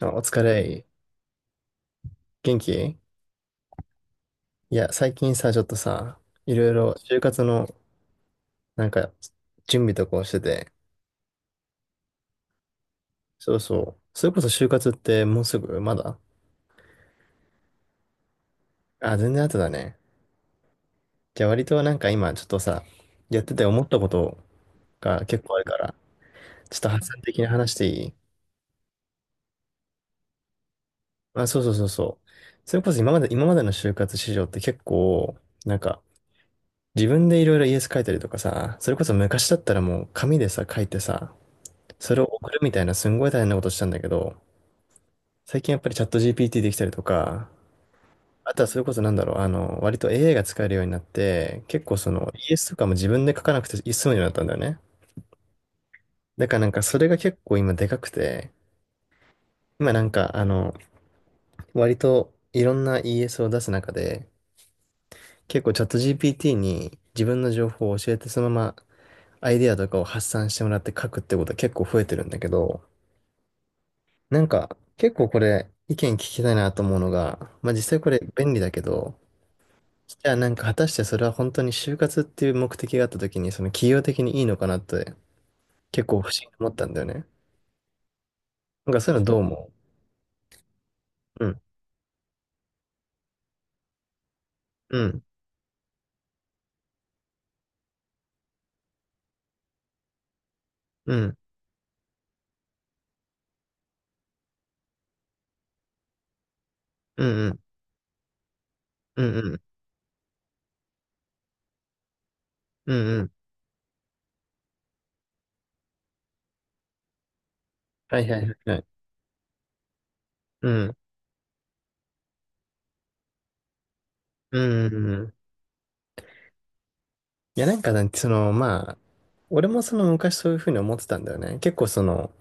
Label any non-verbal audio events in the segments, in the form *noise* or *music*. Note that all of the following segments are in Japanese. あ、お疲れ。元気？いや、最近さ、ちょっとさ、いろいろ就活の、なんか、準備とかをしてて、そうそう。それこそ就活ってもうすぐまだ。あ、全然後だね。じゃあ割となんか今、ちょっとさ、やってて思ったことが結構あるから、ちょっと発散的に話していい？まあ、そうそうそうそう。それこそ今までの就活市場って結構、なんか、自分でいろいろイエス書いたりとかさ、それこそ昔だったらもう紙でさ、書いてさ、それを送るみたいなすんごい大変なことしたんだけど、最近やっぱりチャット GPT できたりとか、あとはそれこそなんだろう、割と AI が使えるようになって、結構その ES とかも自分で書かなくて済むようになったんだよね。だからなんかそれが結構今でかくて、今なんか割といろんな ES を出す中で、結構チャット GPT に自分の情報を教えてそのままアイデアとかを発散してもらって書くってことは結構増えてるんだけど、なんか、結構これ、意見聞きたいなと思うのが、まあ実際これ便利だけど、じゃあなんか果たしてそれは本当に就活っていう目的があった時に、その企業的にいいのかなって結構不思議に思ったんだよね。なんかそういうのどう思う？うん、うん、うん、うん、うん、うん、うん、うん、うん。はいはいはいはい。うん、うん、うん。うん。いやなんかなんてその、まあ、俺もその昔そういうふうに思ってたんだよね。結構その、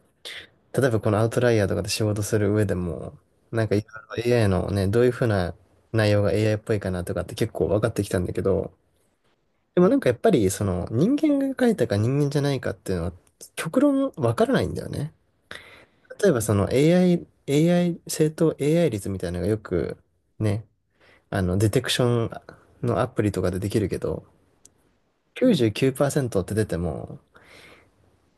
例えばこのアウトライヤーとかで仕事する上でも、なんかいろいろ AI のね、どういうふうな内容が AI っぽいかなとかって結構分かってきたんだけど、でもなんかやっぱりその人間が書いたか人間じゃないかっていうのは極論分からないんだよね。例えばその AI、AI、正当 AI 率みたいなのがよくね、デテクションのアプリとかでできるけど、99%って出ても、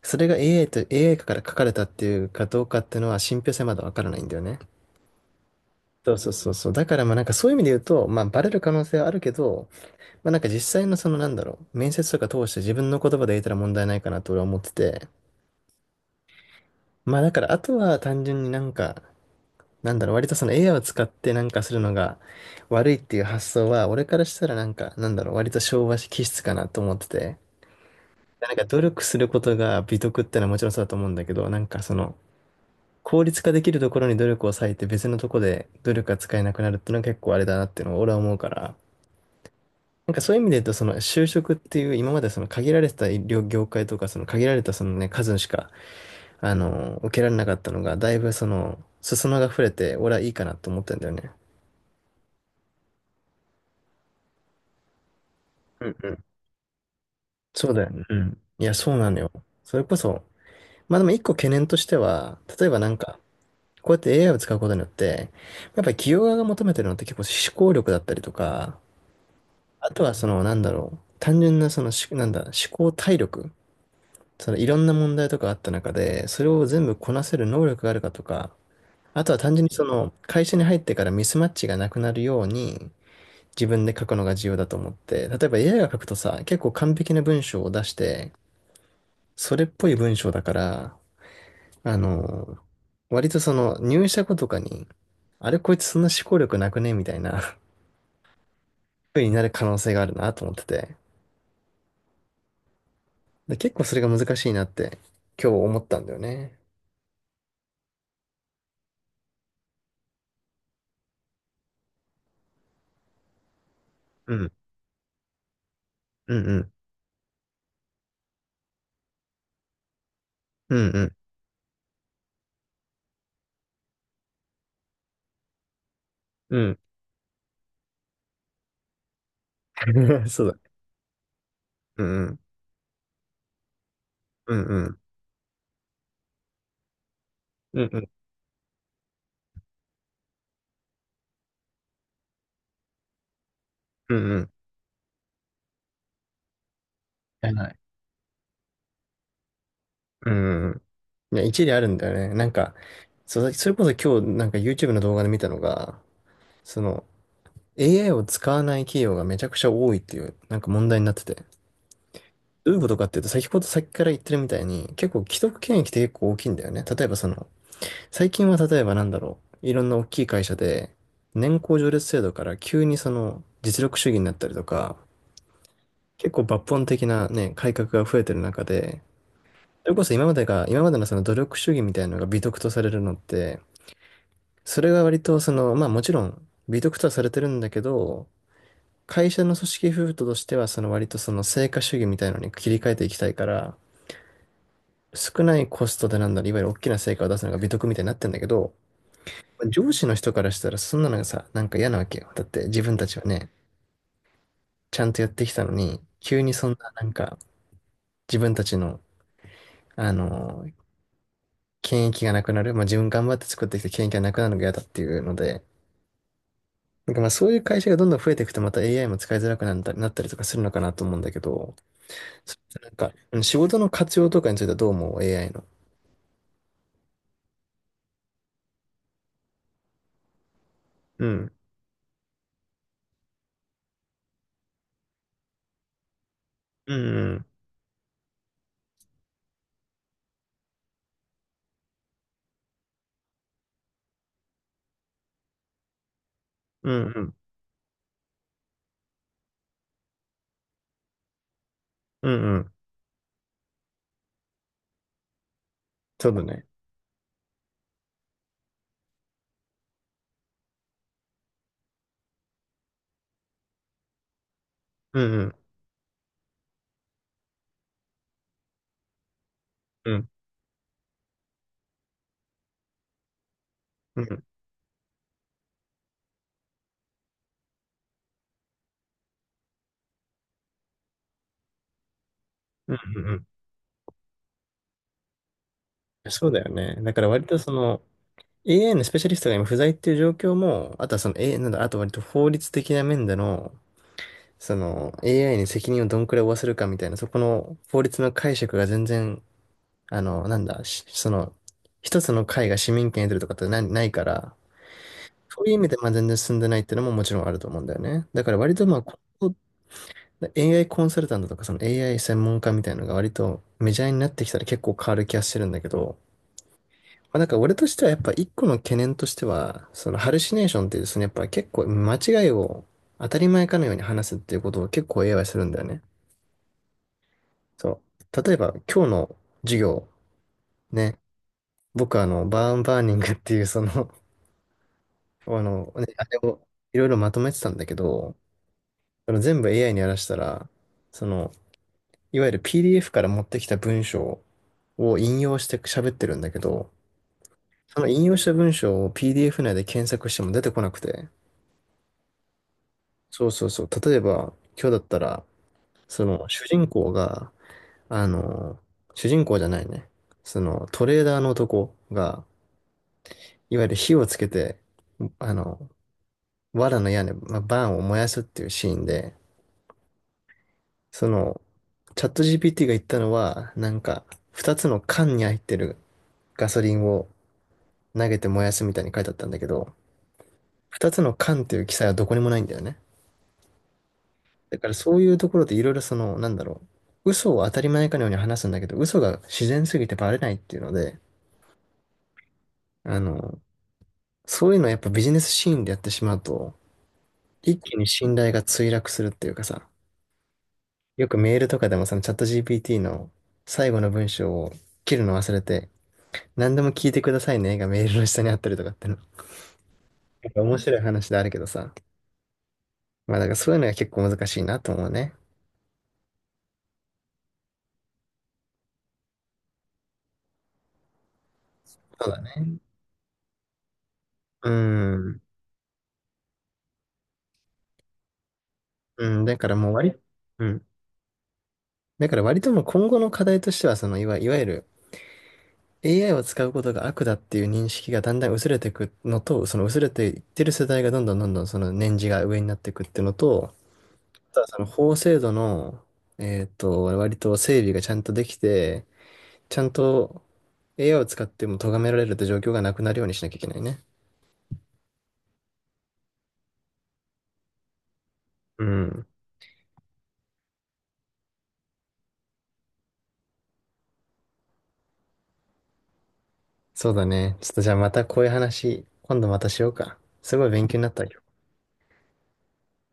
それが AI と AI から書かれたっていうかどうかっていうのは信憑性まだ分からないんだよね。そうそうそうそう。だからまあなんかそういう意味で言うと、まあバレる可能性はあるけど、まあなんか実際のそのなんだろう、面接とか通して自分の言葉で言えたら問題ないかなと俺は思ってて、まあだからあとは単純になんか、なんだろう、割とその AI を使ってなんかするのが悪いっていう発想は、俺からしたらなんか、なんだろう、割と昭和気質かなと思ってて、なんか努力することが美徳ってのはもちろんそうだと思うんだけど、なんかその、効率化できるところに努力を割いて別のところで努力が使えなくなるっていうのは結構あれだなっていうのを俺は思うから、なんかそういう意味で言うと、その就職っていう、今までその限られてた医療業界とか、その限られたそのね、数しか、受けられなかったのが、だいぶその、裾野が触れて、俺はいいかなと思ったんだよね。うんうん。そうだよね。うん。いや、そうなのよ。それこそ、まあでも一個懸念としては、例えばなんか、こうやって AI を使うことによって、やっぱり企業側が求めてるのって結構思考力だったりとか、あとはその、なんだろう、単純なそのし、なんだ、思考体力。そのいろんな問題とかあった中で、それを全部こなせる能力があるかとか、あとは単純にその会社に入ってからミスマッチがなくなるように自分で書くのが重要だと思って、例えば AI が書くとさ、結構完璧な文章を出して、それっぽい文章だから、あの、割とその入社後とかに、あれこいつそんな思考力なくねみたいな *laughs* 風になる可能性があるなと思ってて、で、結構それが難しいなって今日思ったんだよね。うん、うん、うん、うん、うん、うん。*laughs* そうだね。うんうん。うんうん。うんうん。うんうん。やらない。うんうん。いや、一理あるんだよね。なんか、それこそ今日なんか YouTube の動画で見たのが、その AI を使わない企業がめちゃくちゃ多いっていうなんか問題になってて。どういうことかっていうと、先ほど先から言ってるみたいに、結構既得権益って結構大きいんだよね。例えばその、最近は例えばなんだろう、いろんな大きい会社で、年功序列制度から急にその実力主義になったりとか、結構抜本的なね、改革が増えてる中で、それこそ今までのその努力主義みたいなのが美徳とされるのって、それが割とその、まあもちろん美徳とはされてるんだけど、会社の組織風土としてはその割とその成果主義みたいのに切り替えていきたいから、少ないコストでなんだろう、いわゆる大きな成果を出すのが美徳みたいになってんだけど、上司の人からしたらそんなのがさ、なんか嫌なわけよ。だって自分たちはね、ちゃんとやってきたのに、急にそんななんか自分たちの、あの、権益がなくなる、まあ自分頑張って作ってきた権益がなくなるのが嫌だっていうので、なんかまあそういう会社がどんどん増えていくとまた AI も使いづらくなったりとかするのかなと思うんだけど、それってなんか、仕事の活用とかについてはどう思う？ AI の。うん。うんうん。うんうん。うんうん。そうだね。うんうん。うんうん。うんうんうん。そうだよね。だから割とその AI のスペシャリストが今不在っていう状況も、あとはその a なんだ、あと割と法律的な面での、その AI に責任をどんくらい負わせるかみたいな、そこの法律の解釈が全然あの、なんだ、しその、一つの会が市民権得てるとかってないから、そういう意味でまあ全然進んでないっていうのももちろんあると思うんだよね。だから割とまあ、ここ AI コンサルタントとかその AI 専門家みたいなのが割とメジャーになってきたら結構変わる気がしてるんだけど、まあ、なんか俺としてはやっぱ一個の懸念としては、そのハルシネーションっていうですね、やっぱ結構間違いを当たり前かのように話すっていうことを結構 AI はするんだよね。そう。例えば今日の授業、ね、僕はバーンバーニングっていうそのねあれをいろいろまとめてたんだけど、その全部 AI にやらしたら、その、いわゆる PDF から持ってきた文章を引用して喋ってるんだけど、その引用した文章を PDF 内で検索しても出てこなくて、そうそうそう、例えば今日だったら、その主人公が、あの、主人公じゃないね、そのトレーダーの男が、いわゆる火をつけて、あの、藁の屋根、まあ、バーンを燃やすっていうシーンで、その、チャット GPT が言ったのは、なんか、二つの缶に入ってるガソリンを投げて燃やすみたいに書いてあったんだけど、二つの缶っていう記載はどこにもないんだよね。だからそういうところでいろいろその、なんだろう、嘘を当たり前かのように話すんだけど、嘘が自然すぎてバレないっていうので、あの、そういうのをやっぱビジネスシーンでやってしまうと、一気に信頼が墜落するっていうかさ、よくメールとかでもそのチャット GPT の最後の文章を切るの忘れて、何でも聞いてくださいねがメールの下にあったりとかっての。なんか面白い話であるけどさ。まあだからそういうのが結構難しいなと思うね。そうだね。うん。うん。だからもううん。だから割ともう今後の課題としては、そのいわゆる AI を使うことが悪だっていう認識がだんだん薄れていくのと、その薄れていってる世代がどんどんどんどんその年次が上になっていくっていうのと、あとはその法制度の、割と整備がちゃんとできて、ちゃんと AI を使っても咎められるって状況がなくなるようにしなきゃいけないね。うん。そうだね。ちょっとじゃあまたこういう話、今度またしようか。すごい勉強になったよ。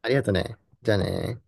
ありがとね。じゃあね。